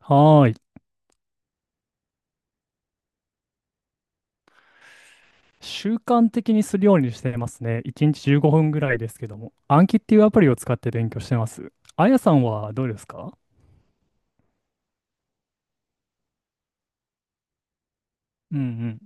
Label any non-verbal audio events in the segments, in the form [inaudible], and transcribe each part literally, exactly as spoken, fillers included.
はーい。習慣的にするようにしてますね。いちにちじゅうごふんぐらいですけども。暗記っていうアプリを使って勉強してます。あやさんはどうですか？うん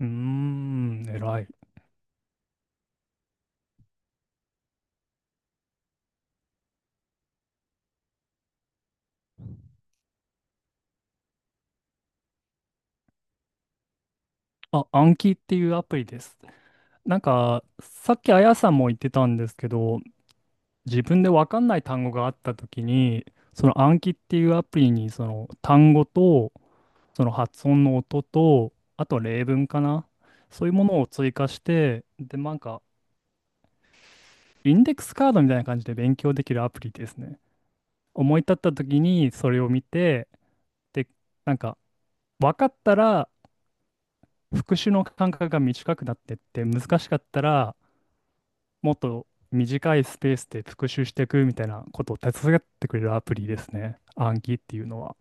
うん。うーん、偉い。あ、暗記っていうアプリです。なんか、さっきあやさんも言ってたんですけど、自分でわかんない単語があったときに、その暗記っていうアプリに、その単語と、その発音の音と、あと例文かな。そういうものを追加して、で、なんか、インデックスカードみたいな感じで勉強できるアプリですね。思い立った時にそれを見て、で、なんか分かったら復習の間隔が短くなってって、難しかったらもっと短いスペースで復習していくみたいなことを手伝ってくれるアプリですね。暗記っていうのは。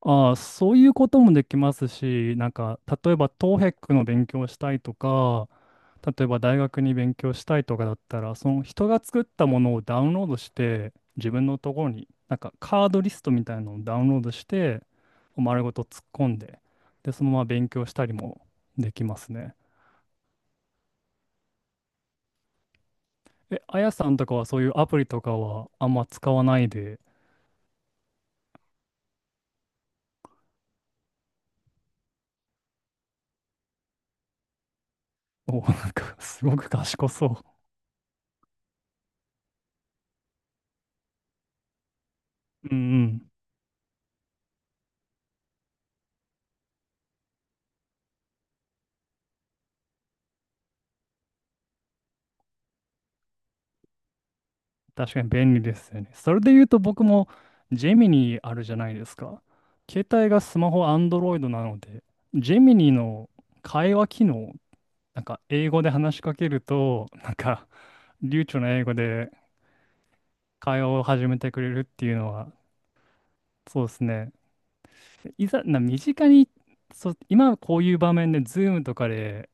ああ、そういうこともできますし、なんか例えばトーヘックの勉強をしたいとか、例えば大学に勉強したいとかだったら、その人が作ったものをダウンロードして、自分のところに、なんかカードリストみたいなのをダウンロードして、丸ごと突っ込んで、で、そのまま勉強したりもできますね。え、あやさんとかはそういうアプリとかはあんま使わないで？お、なんかすごく賢そう。うんうん。確かに便利ですよね。それで言うと僕もジェミニーあるじゃないですか。携帯がスマホ アンドロイド なので、ジェミニーの会話機能、なんか英語で話しかけると、なんか流暢な英語で会話を始めてくれるっていうのは、そうですね。いざ、な、身近に、そう、今こういう場面で ズーム とかで、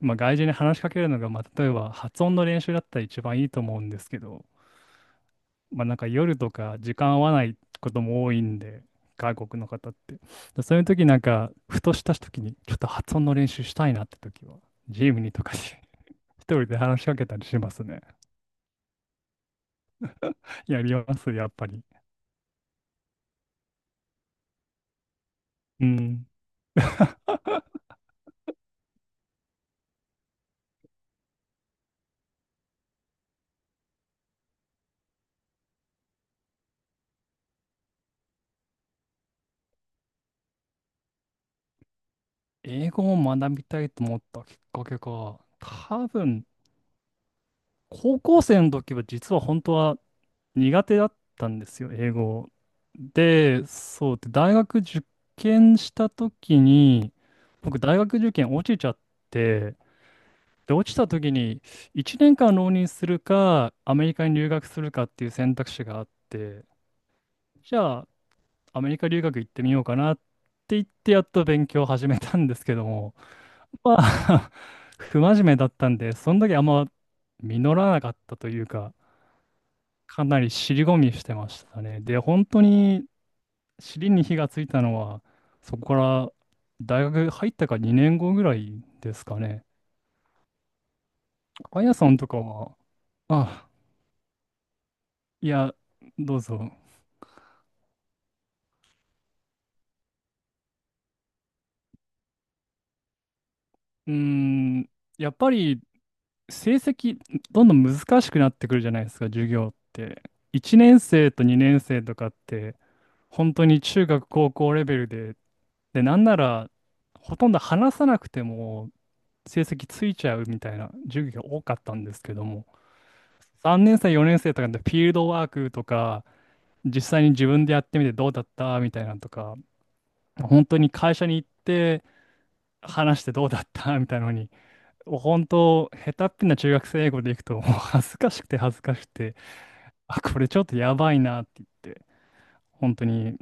まあ、外人に話しかけるのが、まあ、例えば発音の練習だったら一番いいと思うんですけど、まあなんか夜とか時間合わないことも多いんで、外国の方って。でそういう時なんか、ふとした時に、ちょっと発音の練習したいなって時は、ジムにとかに [laughs] 一人で話しかけたりしますね。[laughs] やります、やっぱり。うん。英語を学びたいと思ったきっかけか。多分、高校生の時は実は本当は苦手だったんですよ、英語。で、そうで、大学受験した時に、僕大学受験落ちちゃって、で、落ちた時にいちねんかん浪人するか、アメリカに留学するかっていう選択肢があって、じゃあアメリカ留学行ってみようかなって言ってやっと勉強を始めたんですけども、まあ [laughs] 不真面目だったんで、その時あんま実らなかったというか、かなり尻込みしてましたね。で、本当に尻に火がついたのは、そこから大学入ったかにねんごぐらいですかね。あやさんとかは、あ、いや、どうぞ。うーん、やっぱり成績、どんどん難しくなってくるじゃないですか、授業って。いちねん生とにねん生とかって、本当に中学、高校レベルで、で、なんなら、ほとんど話さなくても、成績ついちゃうみたいな授業が多かったんですけども、さんねん生、よねん生とかでフィールドワークとか、実際に自分でやってみてどうだったみたいなのとか、本当に会社に行って話してどうだったみたいなのに、本当、下手っぴな中学生英語でいくと、もう恥ずかしくて恥ずかしくて、あ、これちょっとやばいなって言って、本当に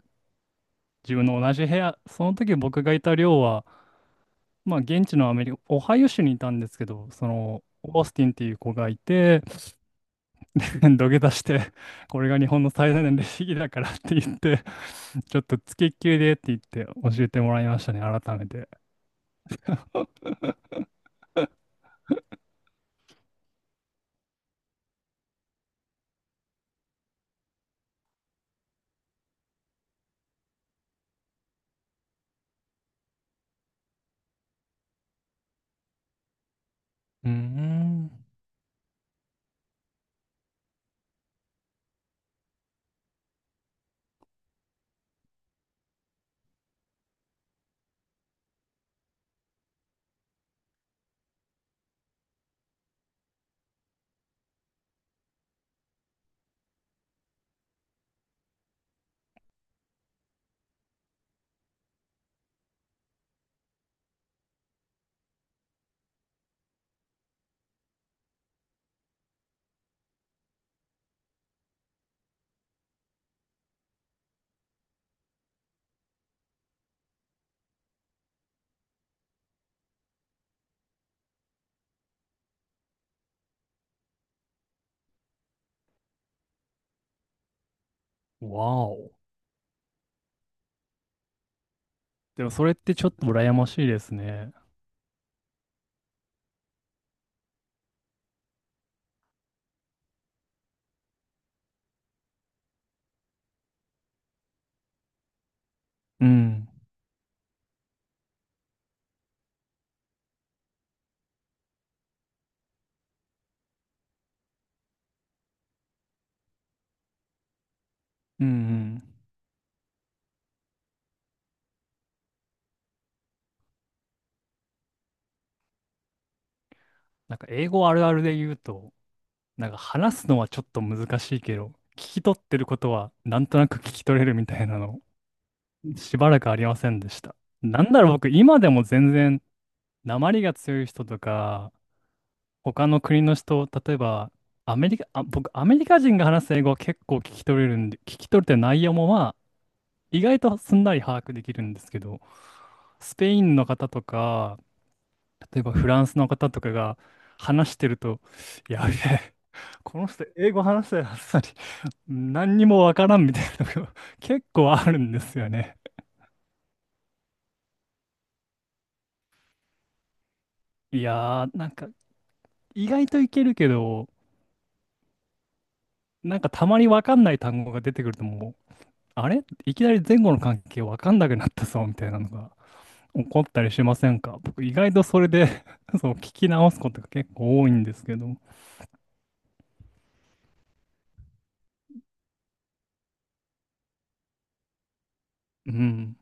自分の同じ部屋、その時僕がいた寮は、まあ現地のアメリカ、オハイオ州にいたんですけど、その、オースティンっていう子がいて、[laughs] 土下座して、これが日本の最大のレシピだからって言って、ちょっとつきっきりでって言って教えてもらいましたね、改めて。[laughs] うーん。わお。でもそれってちょっと羨ましいですね。うん。うんうん。なんか英語あるあるで言うと、なんか話すのはちょっと難しいけど、聞き取ってることはなんとなく聞き取れるみたいなの、しばらくありませんでした。なんだろう、僕、今でも全然、訛りが強い人とか、他の国の人、例えば、アメリカ、あ、僕、アメリカ人が話す英語は結構聞き取れるんで、聞き取れてる内容もまあ、意外とすんなり把握できるんですけど、スペインの方とか、例えばフランスの方とかが話してると、やべえ、この人英語話せたはずさりに [laughs] 何にもわからんみたいなのが [laughs] 結構あるんですよね。いやー、なんか意外といけるけど、なんかたまにわかんない単語が出てくるともう、あれいきなり前後の関係わかんなくなったぞみたいなのが起こったりしませんか？僕意外とそれで [laughs] そう聞き直すことが結構多いんですけど。うん。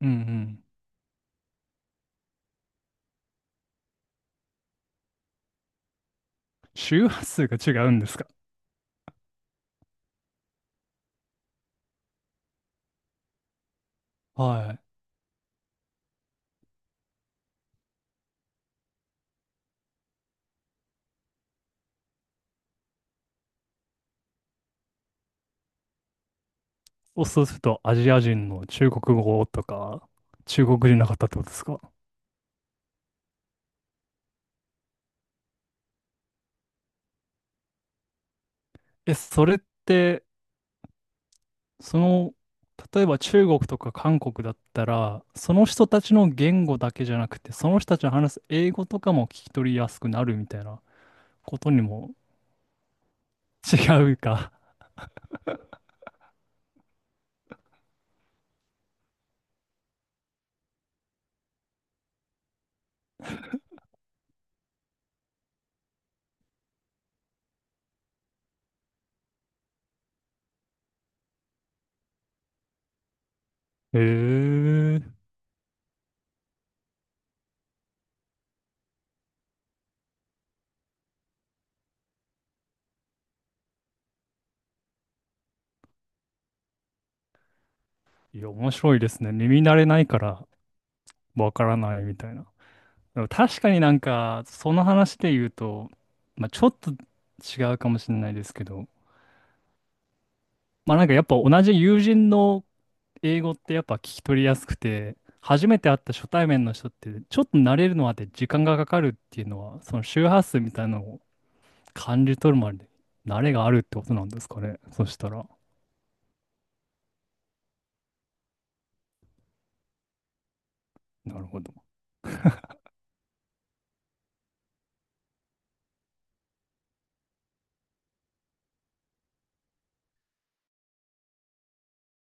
うんうん。周波数が違うんですか？はい。そうするとアジア人の中国語とか、中国人の方ってことですか？え、それって、その、例えば中国とか韓国だったら、その人たちの言語だけじゃなくて、その人たちの話す英語とかも聞き取りやすくなるみたいなことにも？違うか。[laughs] へえ。いや、面白いですね。耳慣れないからわからないみたいな。でも確かになんか、その話で言うと、まあ、ちょっと違うかもしれないですけど、まあなんかやっぱ同じ友人の英語ってやっぱ聞き取りやすくて、初めて会った初対面の人って、ちょっと慣れるのまで時間がかかるっていうのは、その周波数みたいなのを感じ取るまで、慣れがあるってことなんですかね。そしたら、なるほど。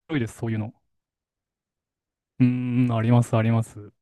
多いです、そういうの。うーん、あります、あります。